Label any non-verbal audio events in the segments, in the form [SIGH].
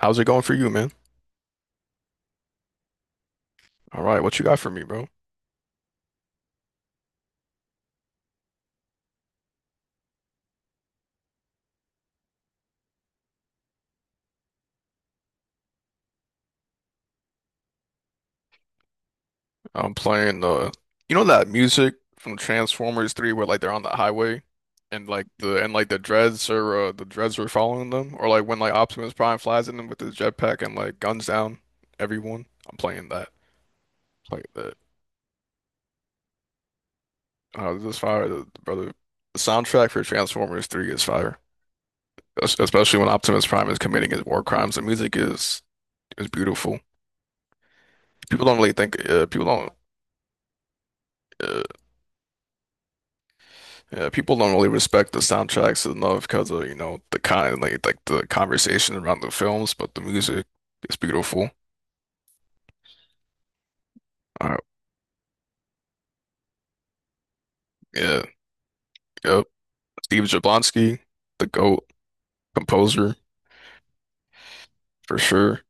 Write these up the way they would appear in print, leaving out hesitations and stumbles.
How's it going for you, man? All right, what you got for me, bro? I'm playing that music from Transformers 3 where they're on the highway and like the dreads or the dreads were following them, or like when like Optimus Prime flies in them with his jetpack and like guns down everyone. I'm playing that. Playing that. This is fire, the, brother. The soundtrack for Transformers 3 is fire. Especially when Optimus Prime is committing his war crimes. The music is beautiful. People don't really think people don't. Uh, Yeah, people don't really respect the soundtracks enough because of, you know, the kind like the conversation around the films, but the music is beautiful. Uh, yeah, yep. Steve Jablonsky, the GOAT composer, for sure.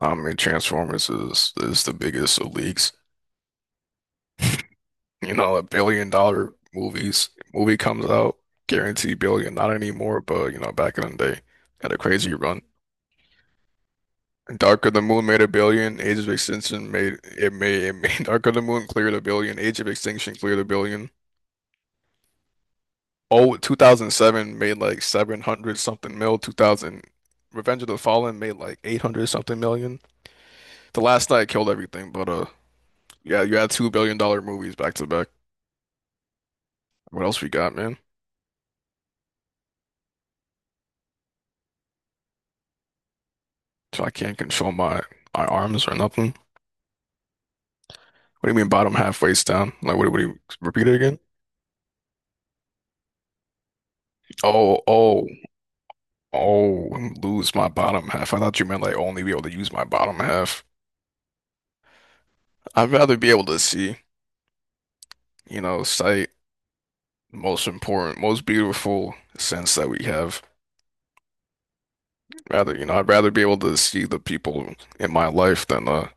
I mean, Transformers is the biggest of leagues. You know, a $1 billion movie comes out, guaranteed billion, not anymore, but you know, back in the day, had a crazy run. Darker the Moon made a billion. Age of Extinction made it made it made [LAUGHS] Darker the Moon cleared a billion. Age of Extinction cleared a billion. Oh, 2007 made like 700 something mil. 2000 Revenge of the Fallen made like 800 something million. The Last Night killed everything, but yeah, you had two billion dollar movies back to back. What else we got, man? So I can't control my arms or nothing. What do you mean bottom halfway's down? Like what do you repeat it again? Oh, oh. Oh, and lose my bottom half. I thought you meant like only be able to use my bottom half. I'd rather be able to see, you know, sight, most important, most beautiful sense that we have. Rather, you know, I'd rather be able to see the people in my life than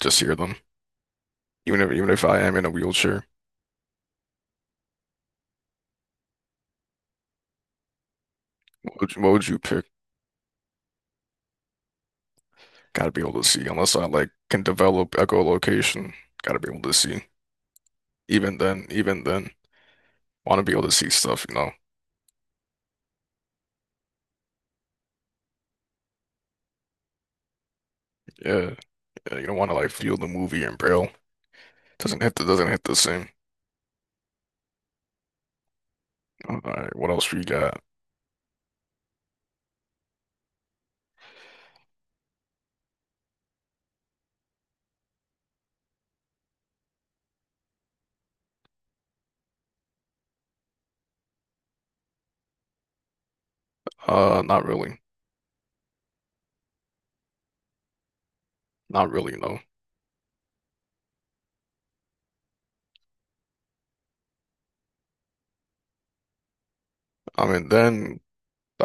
just hear them. Even if I am in a wheelchair, what would, what would you pick? Gotta be able to see, unless I like can develop echolocation. Gotta be able to see. Even then, even then, want to be able to see stuff, you know. Yeah, yeah, you don't want to like feel the movie in braille. Doesn't hit the same. All right, what else we got? Not really, No, I mean then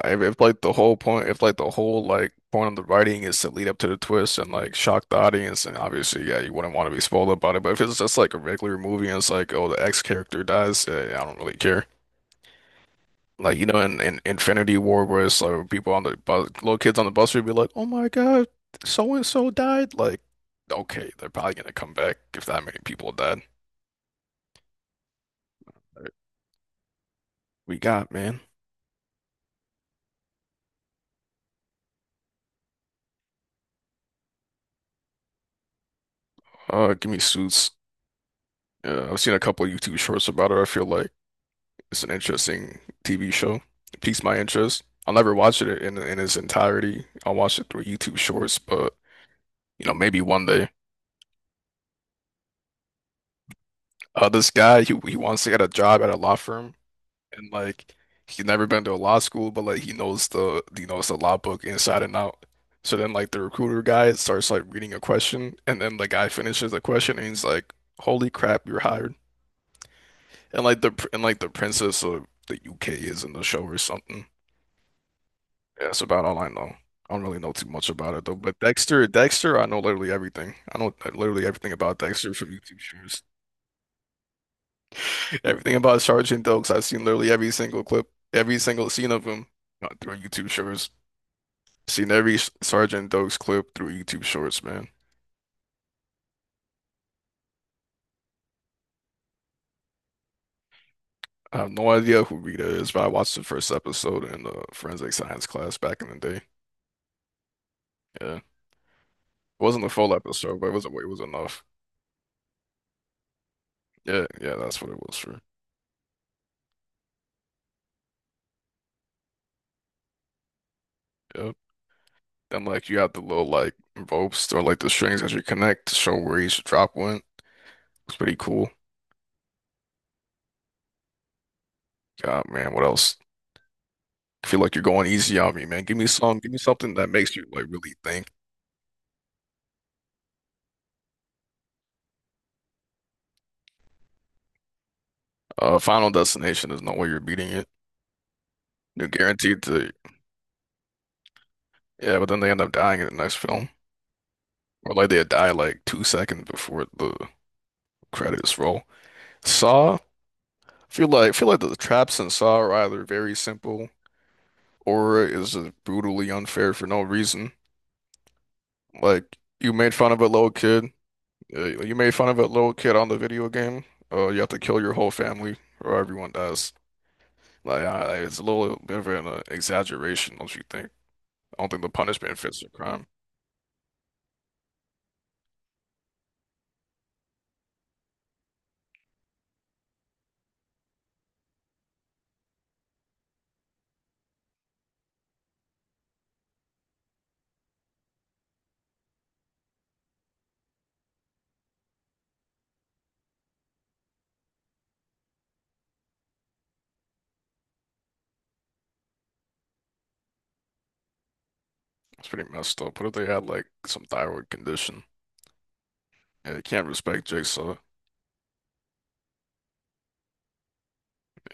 if like the whole point, if like the whole like point of the writing is to lead up to the twist and like shock the audience, and obviously yeah, you wouldn't want to be spoiled about it. But if it's just like a regular movie and it's like oh the X character dies, eh, I don't really care. Like you know in Infinity War where it's like people on the bus, little kids on the bus would be like oh my God, so and so died. Like okay, they're probably gonna come back if that many people died. We got, man? Give me Suits. I've seen a couple of YouTube shorts about it. I feel like it's an interesting TV show. It piques my interest. I'll never watch it in its entirety. I'll watch it through YouTube shorts, but you know, maybe one day. This guy, he wants to get a job at a law firm, and like he's never been to a law school, but like he knows the law book inside and out. So then, like the recruiter guy starts like reading a question, and then the guy finishes the question, and he's like, "Holy crap, you're hired." And like the princess of the UK is in the show or something. Yeah, that's about all I know. I don't really know too much about it though. But Dexter, I know literally everything. I know literally everything about Dexter from YouTube streams. Everything about Sergeant Oaks. I've seen literally every single clip, every single scene of him through YouTube shorts. Seen every Sergeant Oaks clip through YouTube shorts, man. I have no idea who Rita is, but I watched the first episode in the forensic science class back in the day. Yeah, it wasn't the full episode, but it was enough. Yeah, yeah, that's what it was for. Yep. And like you have the little like ropes or like the strings that you connect to show where each drop went. It's pretty cool. God, man, what else? I feel like you're going easy on me, man. Give me something that makes you like really think. Final Destination, there's no way you're beating it. You're guaranteed to, yeah, but then they end up dying in the next film, or like they die like two seconds before the credits roll. Saw, I feel like the traps in Saw are either very simple or is just brutally unfair for no reason. Like you made fun of a little kid. You made fun of a little kid on the video game. You have to kill your whole family or everyone dies. Like it's a little bit of an exaggeration, don't you think? I don't think the punishment fits the crime. It's pretty messed up. What if they had like some thyroid condition? Yeah, you can't respect Jigsaw.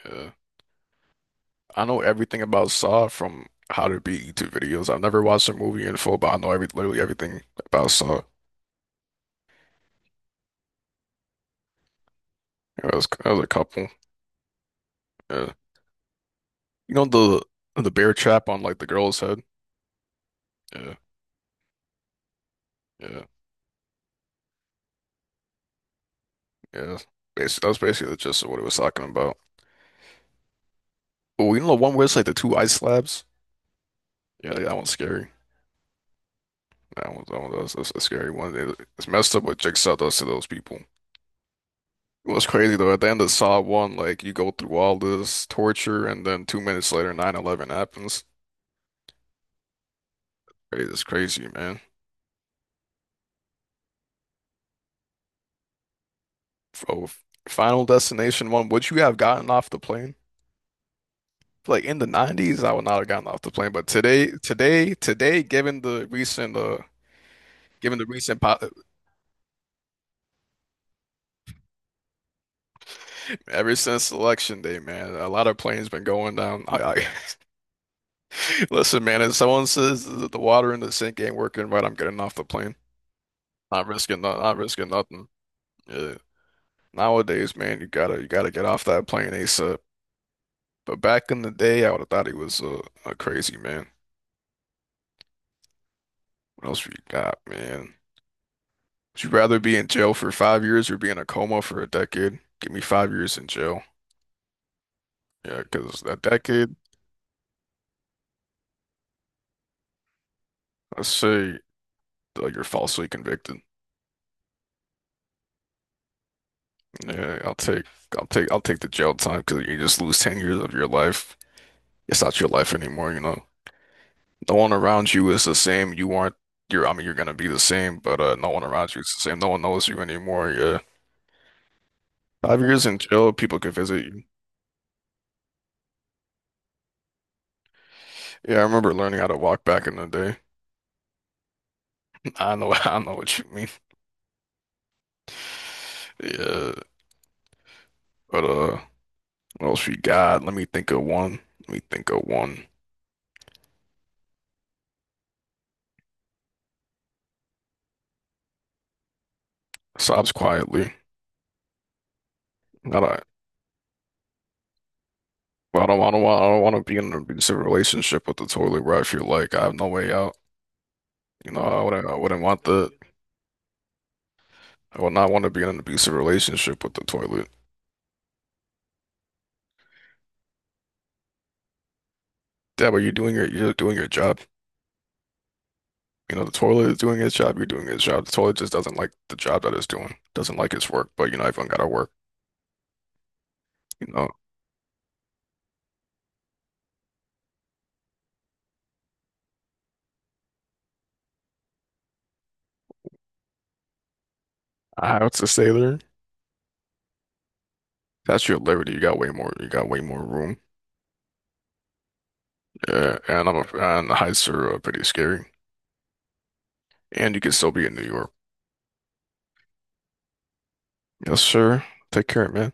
Yeah, I know everything about Saw from How to Beat YouTube videos. I've never watched a movie in full, but I know every literally everything about Saw. Yeah, that was a couple. Yeah. You know the bear trap on like the girl's head. Yeah. Yeah, yeah. Bas That was basically the gist of what it was talking about. Oh, you know the one where it's like the two ice slabs? Yeah, that one's scary. That's a scary one. It's messed up what Jigsaw does to those people. What's crazy though, at the end of Saw 1, like you go through all this torture and then two minutes later, 911 happens. It is crazy, man. Oh, Final Destination 1, would you have gotten off the plane? Like in the 90s, I would not have gotten off the plane, but today, given the recent po ever since election day, man, a lot of planes been going down. I [LAUGHS] listen, man. If someone says that the water in the sink ain't working right, I'm getting off the plane. Not risking, not risking nothing. Yeah. Nowadays, man, you gotta get off that plane ASAP. But back in the day, I would have thought he was a crazy man. What else we got, man? Would you rather be in jail for 5 years or be in a coma for a decade? Give me 5 years in jail. Yeah, because that decade, let's say you're falsely convicted. Yeah, I'll take the jail time because you just lose 10 years of your life. It's not your life anymore, you know. No one around you is the same. You aren't you're I mean you're gonna be the same, but no one around you is the same. No one knows you anymore. Yeah. 5 years in jail, people can visit you. Yeah, I remember learning how to walk back in the day. [LAUGHS] I know [LAUGHS] I know what you mean. Yeah. But what else we got? Let me think of one. Sobs quietly. Not Well, I don't want to be in an abusive relationship with the toilet where I feel like I have no way out. You know, I wouldn't want the, I would not want to be in an abusive relationship with the toilet. Yeah, but you're doing your job. You know, the toilet is doing its job. You're doing its job. The toilet just doesn't like the job that it's doing. Doesn't like its work. But you know, everyone gotta work. You know, I have to say there, that's your liberty. You got way more. You got way more room. Yeah, and the heights are pretty scary. And you can still be in New York. Yes, sir. Take care, man.